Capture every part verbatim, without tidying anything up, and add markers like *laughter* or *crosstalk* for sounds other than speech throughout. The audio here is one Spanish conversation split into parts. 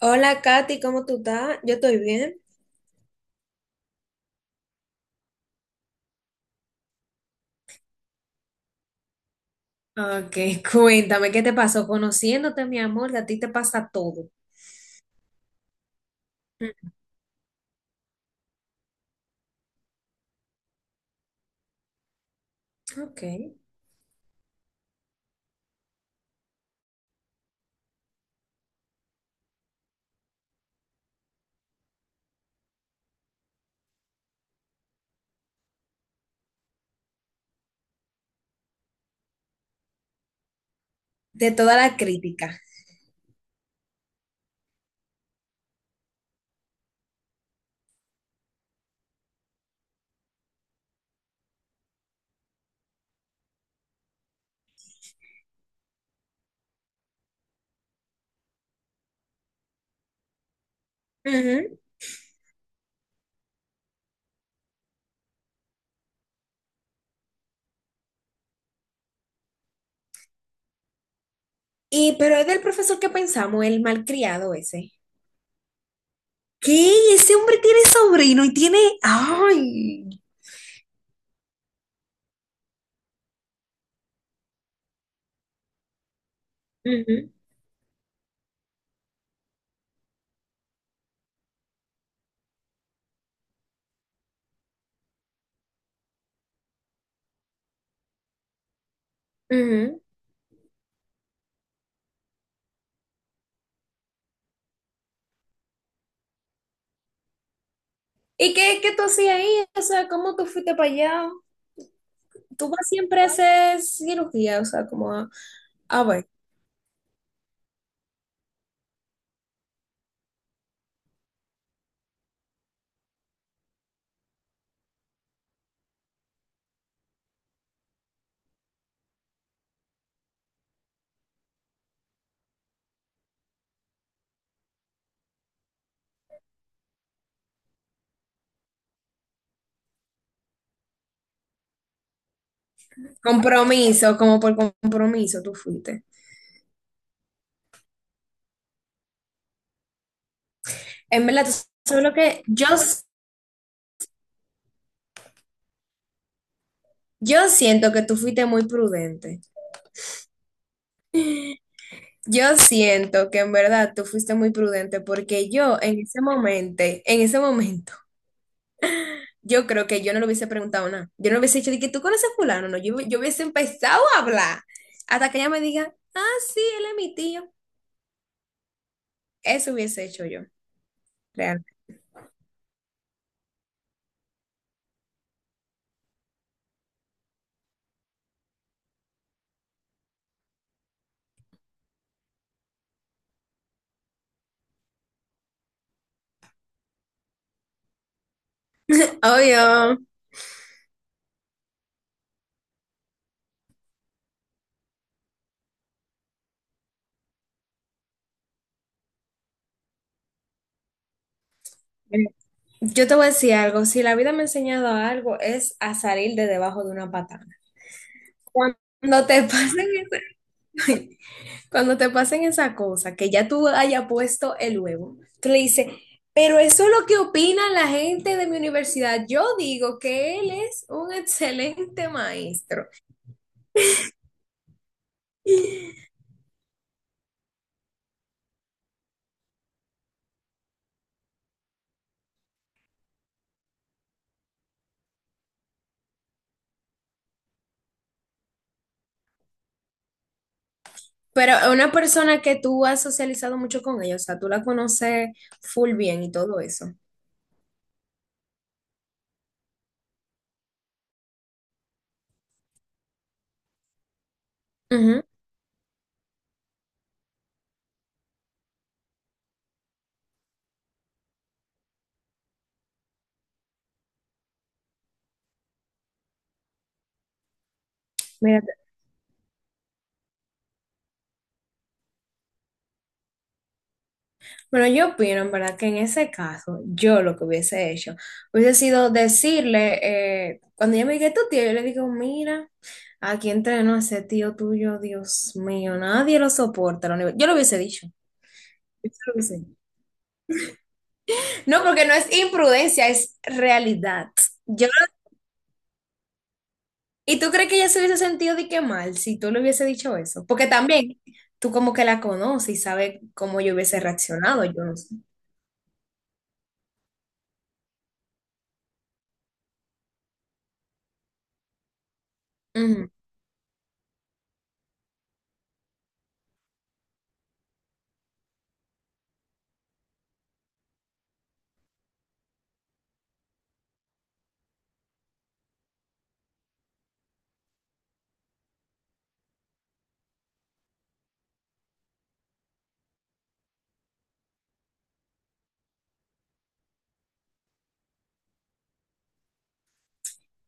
Hola Katy, ¿cómo tú estás? Yo estoy bien. Ok, *laughs* cuéntame, ¿qué te pasó? Conociéndote, mi amor, a ti te pasa todo. Mm. Ok. De toda la crítica. Ujú. Y, pero es del profesor que pensamos, el malcriado ese. ¿Qué? Ese hombre tiene sobrino y tiene... ¡Ay! Ujú, ujú. ¿Y qué, qué tú hacías ahí? O sea, ¿cómo tú fuiste para allá? Tú vas siempre a hacer cirugía, o sea, como a, a ver, compromiso, como por compromiso tú fuiste. En verdad, tú sabes lo que yo, yo siento que tú fuiste muy prudente. Yo siento que en verdad tú fuiste muy prudente porque yo en ese momento, en ese momento, yo creo que yo no le hubiese preguntado nada. Yo no le hubiese dicho de que tú conoces a fulano, no, yo, yo hubiese empezado a hablar hasta que ella me diga, ah, sí, él es mi tío. Eso hubiese hecho yo, real. Obvio. Yo te voy a decir algo, si la vida me ha enseñado algo es a salir de debajo de una patana. Cuando te pasen esa, *laughs* cuando te pasen esa cosa, que ya tú hayas puesto el huevo, tú le dices, pero eso es lo que opina la gente de mi universidad. Yo digo que él es un excelente maestro, pero es una persona que tú has socializado mucho con ella, o sea, tú la conoces full bien y todo eso. Ujú. Mira. Bueno, yo opino, en verdad, que en ese caso, yo lo que hubiese hecho hubiese sido decirle, eh, cuando ella me diga tu tío, yo le digo, mira, aquí entreno a ese tío tuyo, Dios mío, nadie lo soporta. la uni-". Yo lo hubiese dicho. Yo lo hubiese dicho. No, porque no es imprudencia, es realidad. Yo, no, ¿y tú crees que ella se hubiese sentido de qué mal si tú le hubiese dicho eso? Porque también tú como que la conoces y sabes cómo yo hubiese reaccionado, yo no sé.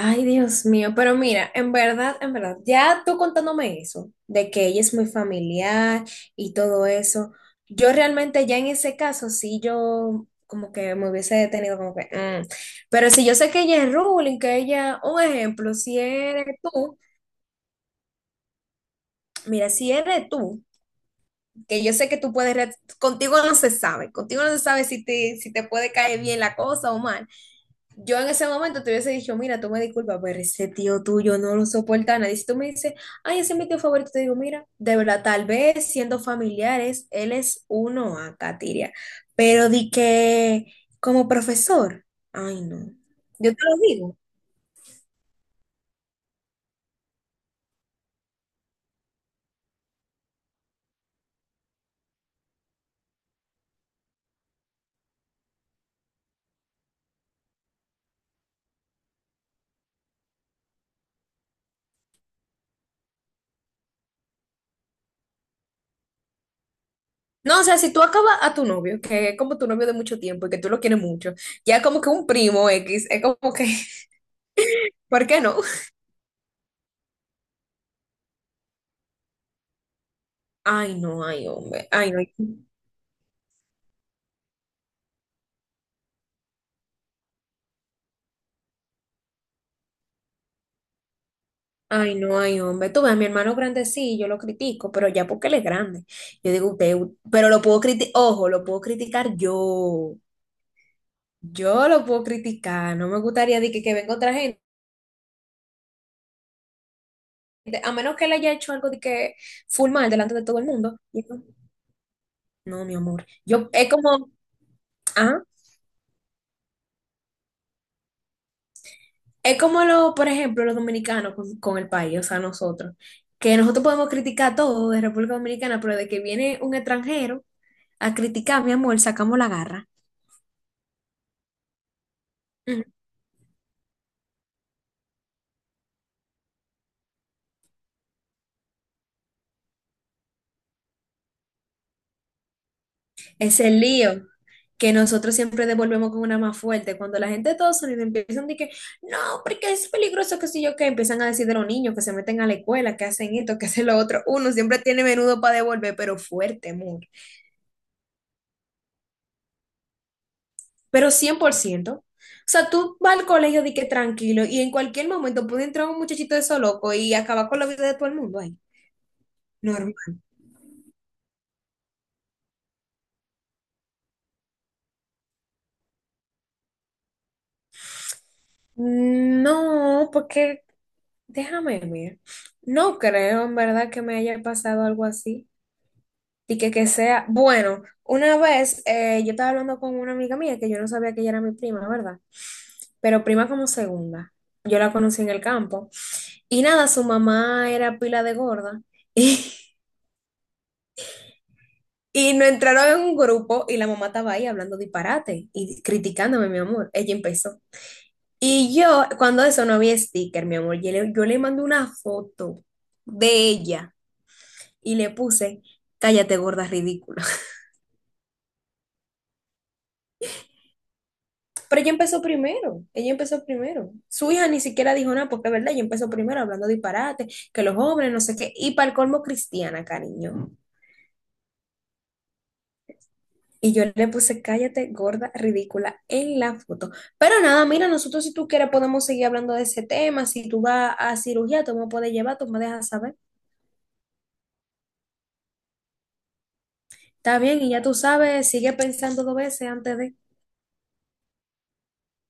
Ay, Dios mío, pero mira, en verdad, en verdad, ya tú contándome eso, de que ella es muy familiar y todo eso, yo realmente ya en ese caso sí yo como que, me hubiese detenido como que, mm. Pero si yo sé que ella es ruling, que ella, un ejemplo, si eres tú, mira, si eres tú, que yo sé que tú puedes, re- contigo no se sabe, contigo no se sabe si te, si te puede caer bien la cosa o mal. Yo en ese momento te hubiese dicho, mira, tú me disculpas, pero ese tío tuyo no lo soporta a nadie. Si tú me dices, ay, ese es mi tío favorito, te digo, mira, de verdad, tal vez siendo familiares, él es uno a Katiria, pero di que como profesor, ay, no, yo te lo digo. No, o sea, si tú acabas a tu novio, que es como tu novio de mucho tiempo y que tú lo quieres mucho, ya como que un primo X, es como que, *laughs* ¿por qué no? Ay, no, ay, hombre, ay, no. Ay, no, ay, hombre. Tú ves, mi hermano grande sí, yo lo critico, pero ya porque él es grande. Yo digo, usted, u- pero lo puedo criticar, ojo, lo puedo criticar yo. Yo lo puedo criticar. No me gustaría de que, que, venga otra gente, a menos que él haya hecho algo de que full mal delante de todo el mundo. Yo no, no, mi amor. Yo, es como, ah, es como lo, por ejemplo, los dominicanos con, con el país, o sea, nosotros, que nosotros podemos criticar todo de República Dominicana, pero de que viene un extranjero a criticar, mi amor, sacamos la garra. Es el lío que nosotros siempre devolvemos con una más fuerte. Cuando la gente de Estados Unidos empiezan a decir que no, porque es peligroso, que si yo, que empiezan a decir de los niños que se meten a la escuela, que hacen esto, que hacen lo otro. Uno siempre tiene menudo para devolver, pero fuerte, amor. Pero cien por ciento. O sea, tú vas al colegio de que tranquilo y en cualquier momento puede entrar un muchachito de eso loco y acabar con la vida de todo el mundo ahí. Normal. No, porque déjame ver. No creo en verdad que me haya pasado algo así. Y que, que sea, bueno, una vez eh, yo estaba hablando con una amiga mía que yo no sabía que ella era mi prima, ¿verdad? Pero prima como segunda. Yo la conocí en el campo. Y nada, su mamá era pila de gorda. *laughs* Y, y nos entraron en un grupo y la mamá estaba ahí hablando disparate y criticándome, mi amor. Ella empezó. Y yo, cuando eso no había sticker, mi amor, yo le, yo le mandé una foto de ella y le puse, cállate, gorda ridícula. Pero ella empezó primero, ella empezó primero. Su hija ni siquiera dijo nada, porque es verdad, ella empezó primero hablando disparate, que los jóvenes, no sé qué, y para el colmo cristiana, cariño. Y yo le puse, cállate, gorda, ridícula, en la foto. Pero nada, mira, nosotros si tú quieres podemos seguir hablando de ese tema, si tú vas a cirugía, tú me puedes llevar, tú me dejas saber. Está bien, y ya tú sabes, sigue pensando dos veces antes de...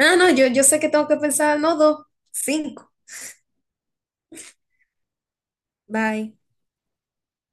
Ah, no, yo, yo sé que tengo que pensar, no dos, cinco. Bye.